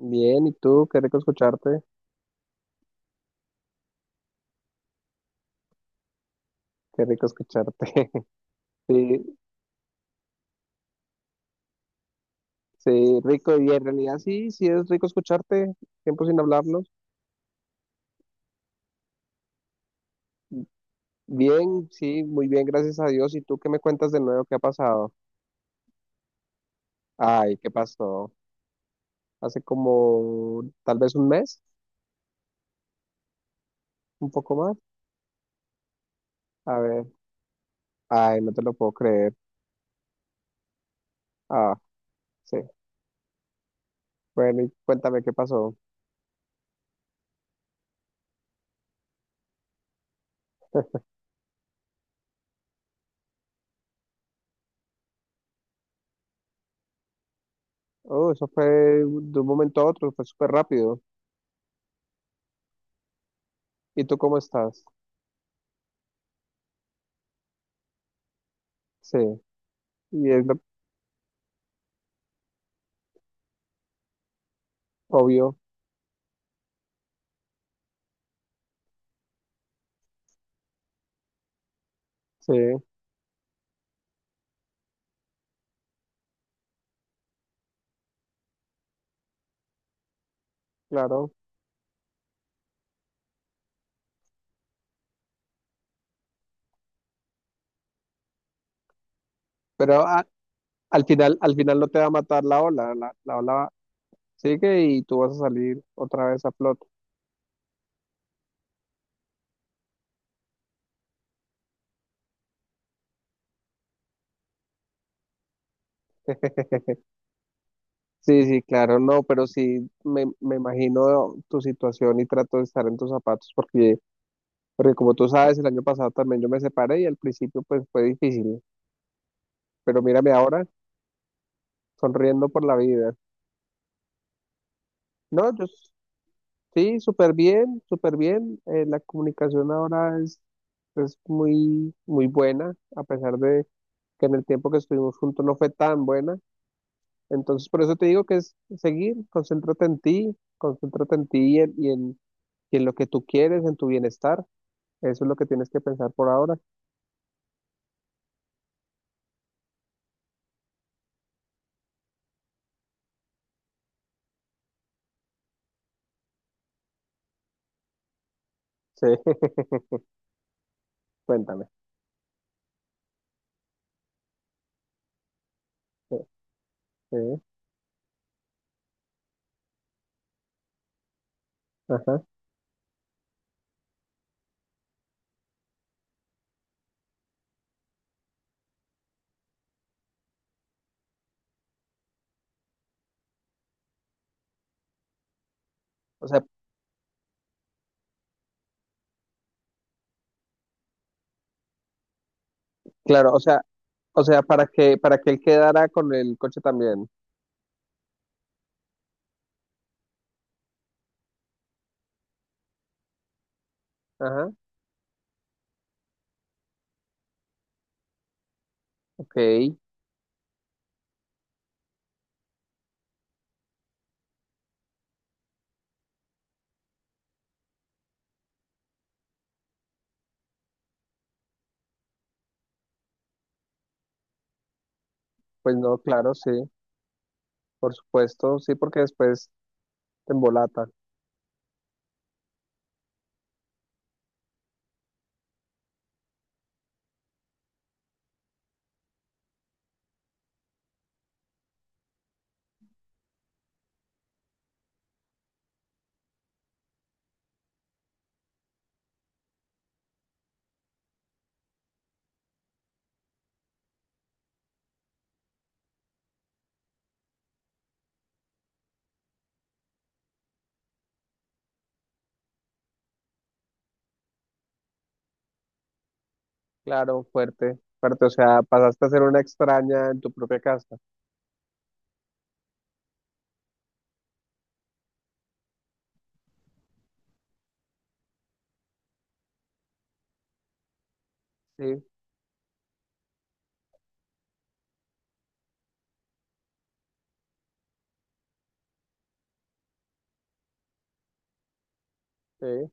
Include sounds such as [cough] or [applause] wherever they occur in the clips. Bien, ¿y tú? Qué rico escucharte, qué rico escucharte. [laughs] Sí, sí, rico, y en realidad sí, sí es rico escucharte, tiempo sin hablarnos. Bien, sí, muy bien, gracias a Dios. ¿Y tú qué me cuentas de nuevo? ¿Qué ha pasado? Ay, ¿qué pasó? Hace como tal vez un mes, un poco más. A ver, ay, no te lo puedo creer. Ah, sí. Bueno, y cuéntame qué pasó. Oh, eso fue de un momento a otro, fue súper rápido. ¿Y tú cómo estás? Sí, y es lo obvio, sí, claro. Pero al final no te va a matar la ola, la ola sigue y tú vas a salir otra vez a flote. [laughs] Sí, sí, claro, no, pero sí me imagino tu situación y trato de estar en tus zapatos porque, porque como tú sabes, el año pasado también yo me separé y al principio pues fue difícil, pero mírame ahora sonriendo por la vida. No, sí, súper bien, súper bien. La comunicación ahora es muy, muy buena, a pesar de que en el tiempo que estuvimos juntos no fue tan buena. Entonces, por eso te digo que es seguir, concéntrate en ti y en lo que tú quieres, en tu bienestar. Eso es lo que tienes que pensar por ahora. Sí, [laughs] cuéntame. Sí, sí, ajá. O sea, claro, o sea, para que él quedara con el coche también. Ajá, ok. Pues no, claro, sí, por supuesto, sí, porque después te embolata. Claro, fuerte, fuerte. O sea, pasaste a ser una extraña en tu propia casa. Sí, sí,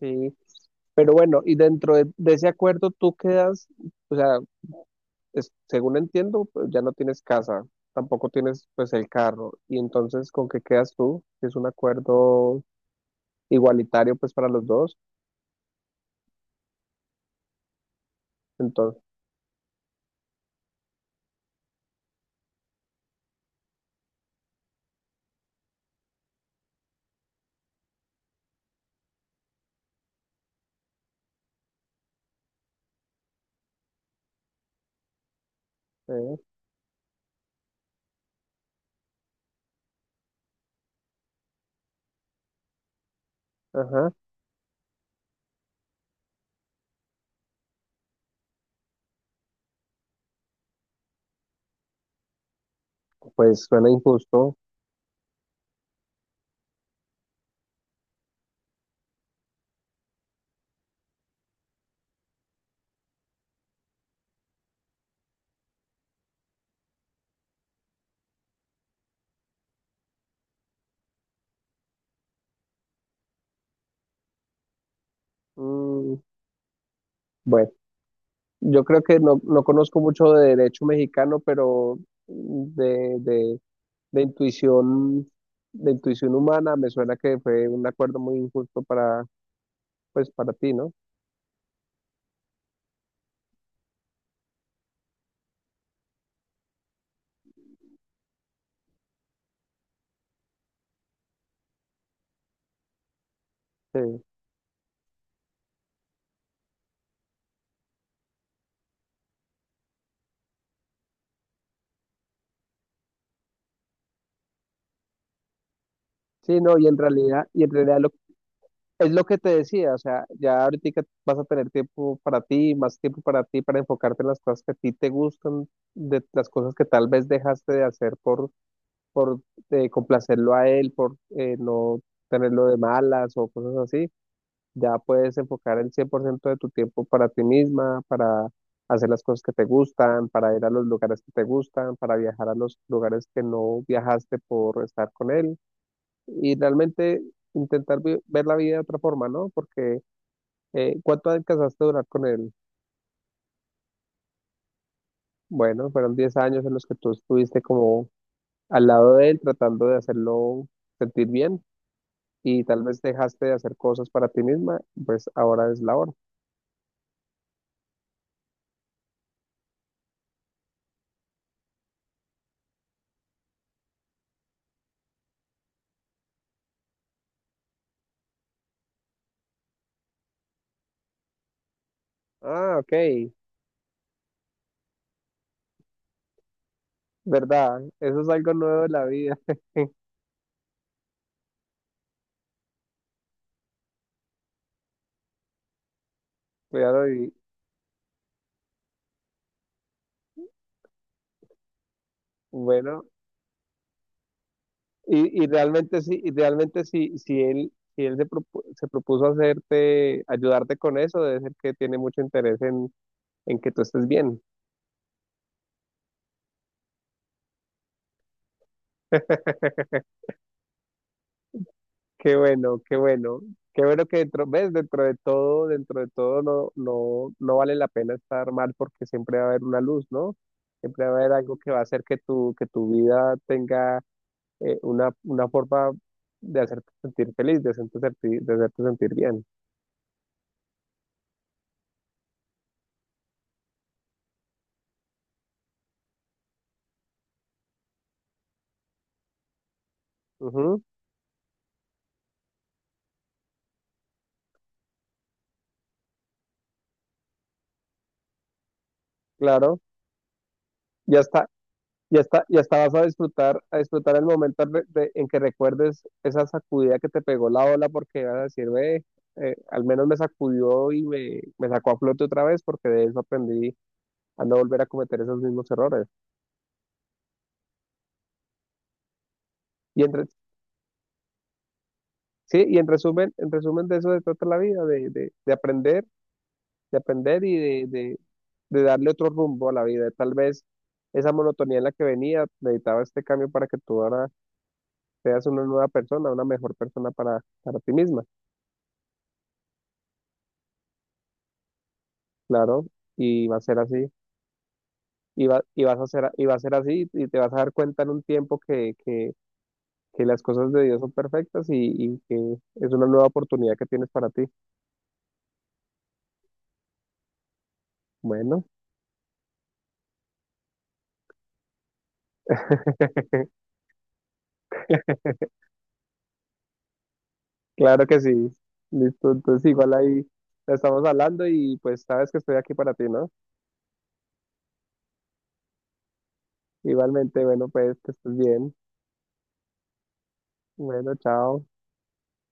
sí. Pero bueno, y dentro de ese acuerdo tú quedas, o sea, según entiendo, pues, ya no tienes casa, tampoco tienes pues el carro, y entonces ¿con qué quedas tú? Si es un acuerdo igualitario pues para los dos, entonces, ajá, pues suena injusto. Mm. Bueno, yo creo que no conozco mucho de derecho mexicano, pero de, de, de intuición, de intuición humana me suena que fue un acuerdo muy injusto pues para ti, ¿no? Sí. Sí, no, y en realidad es lo que te decía, o sea, ya ahorita vas a tener tiempo para ti, más tiempo para ti, para enfocarte en las cosas que a ti te gustan, de las cosas que tal vez dejaste de hacer por complacerlo a él, por no tenerlo de malas o cosas así. Ya puedes enfocar el 100% de tu tiempo para ti misma, para hacer las cosas que te gustan, para ir a los lugares que te gustan, para viajar a los lugares que no viajaste por estar con él y realmente intentar ver la vida de otra forma, ¿no? Porque ¿cuánto alcanzaste a durar con él? Bueno, fueron 10 años en los que tú estuviste como al lado de él tratando de hacerlo sentir bien y tal vez dejaste de hacer cosas para ti misma, pues ahora es la hora. Ah, ok, verdad, eso es algo nuevo de la vida, [laughs] claro, y bueno, y realmente sí, y realmente sí, si él... Si él se propuso hacerte, ayudarte con eso, debe ser que tiene mucho interés en que tú estés bien. Qué bueno, qué bueno. Qué bueno que dentro, ves, dentro de todo no, no, no vale la pena estar mal porque siempre va a haber una luz, ¿no? Siempre va a haber algo que va a hacer que tu vida tenga una forma de hacerte sentir feliz, de hacerte sentir bien. Ujú, claro. Y hasta, y hasta vas a disfrutar el momento en que recuerdes esa sacudida que te pegó la ola porque vas a decir, ve, al menos me sacudió y me sacó a flote otra vez porque de eso aprendí a no volver a cometer esos mismos errores. Y entre, sí, y en resumen de eso se trata la vida, de aprender, de aprender y de darle otro rumbo a la vida. Tal vez esa monotonía en la que venía necesitaba este cambio para que tú ahora seas una nueva persona, una mejor persona para ti misma. Claro, y va a ser así, y vas a ser, y va a ser así, y te vas a dar cuenta en un tiempo que las cosas de Dios son perfectas y que es una nueva oportunidad que tienes para ti. Bueno, [laughs] claro que sí. Listo, entonces igual ahí estamos hablando y pues sabes que estoy aquí para ti, ¿no? Igualmente, bueno, pues que estés bien. Bueno, chao.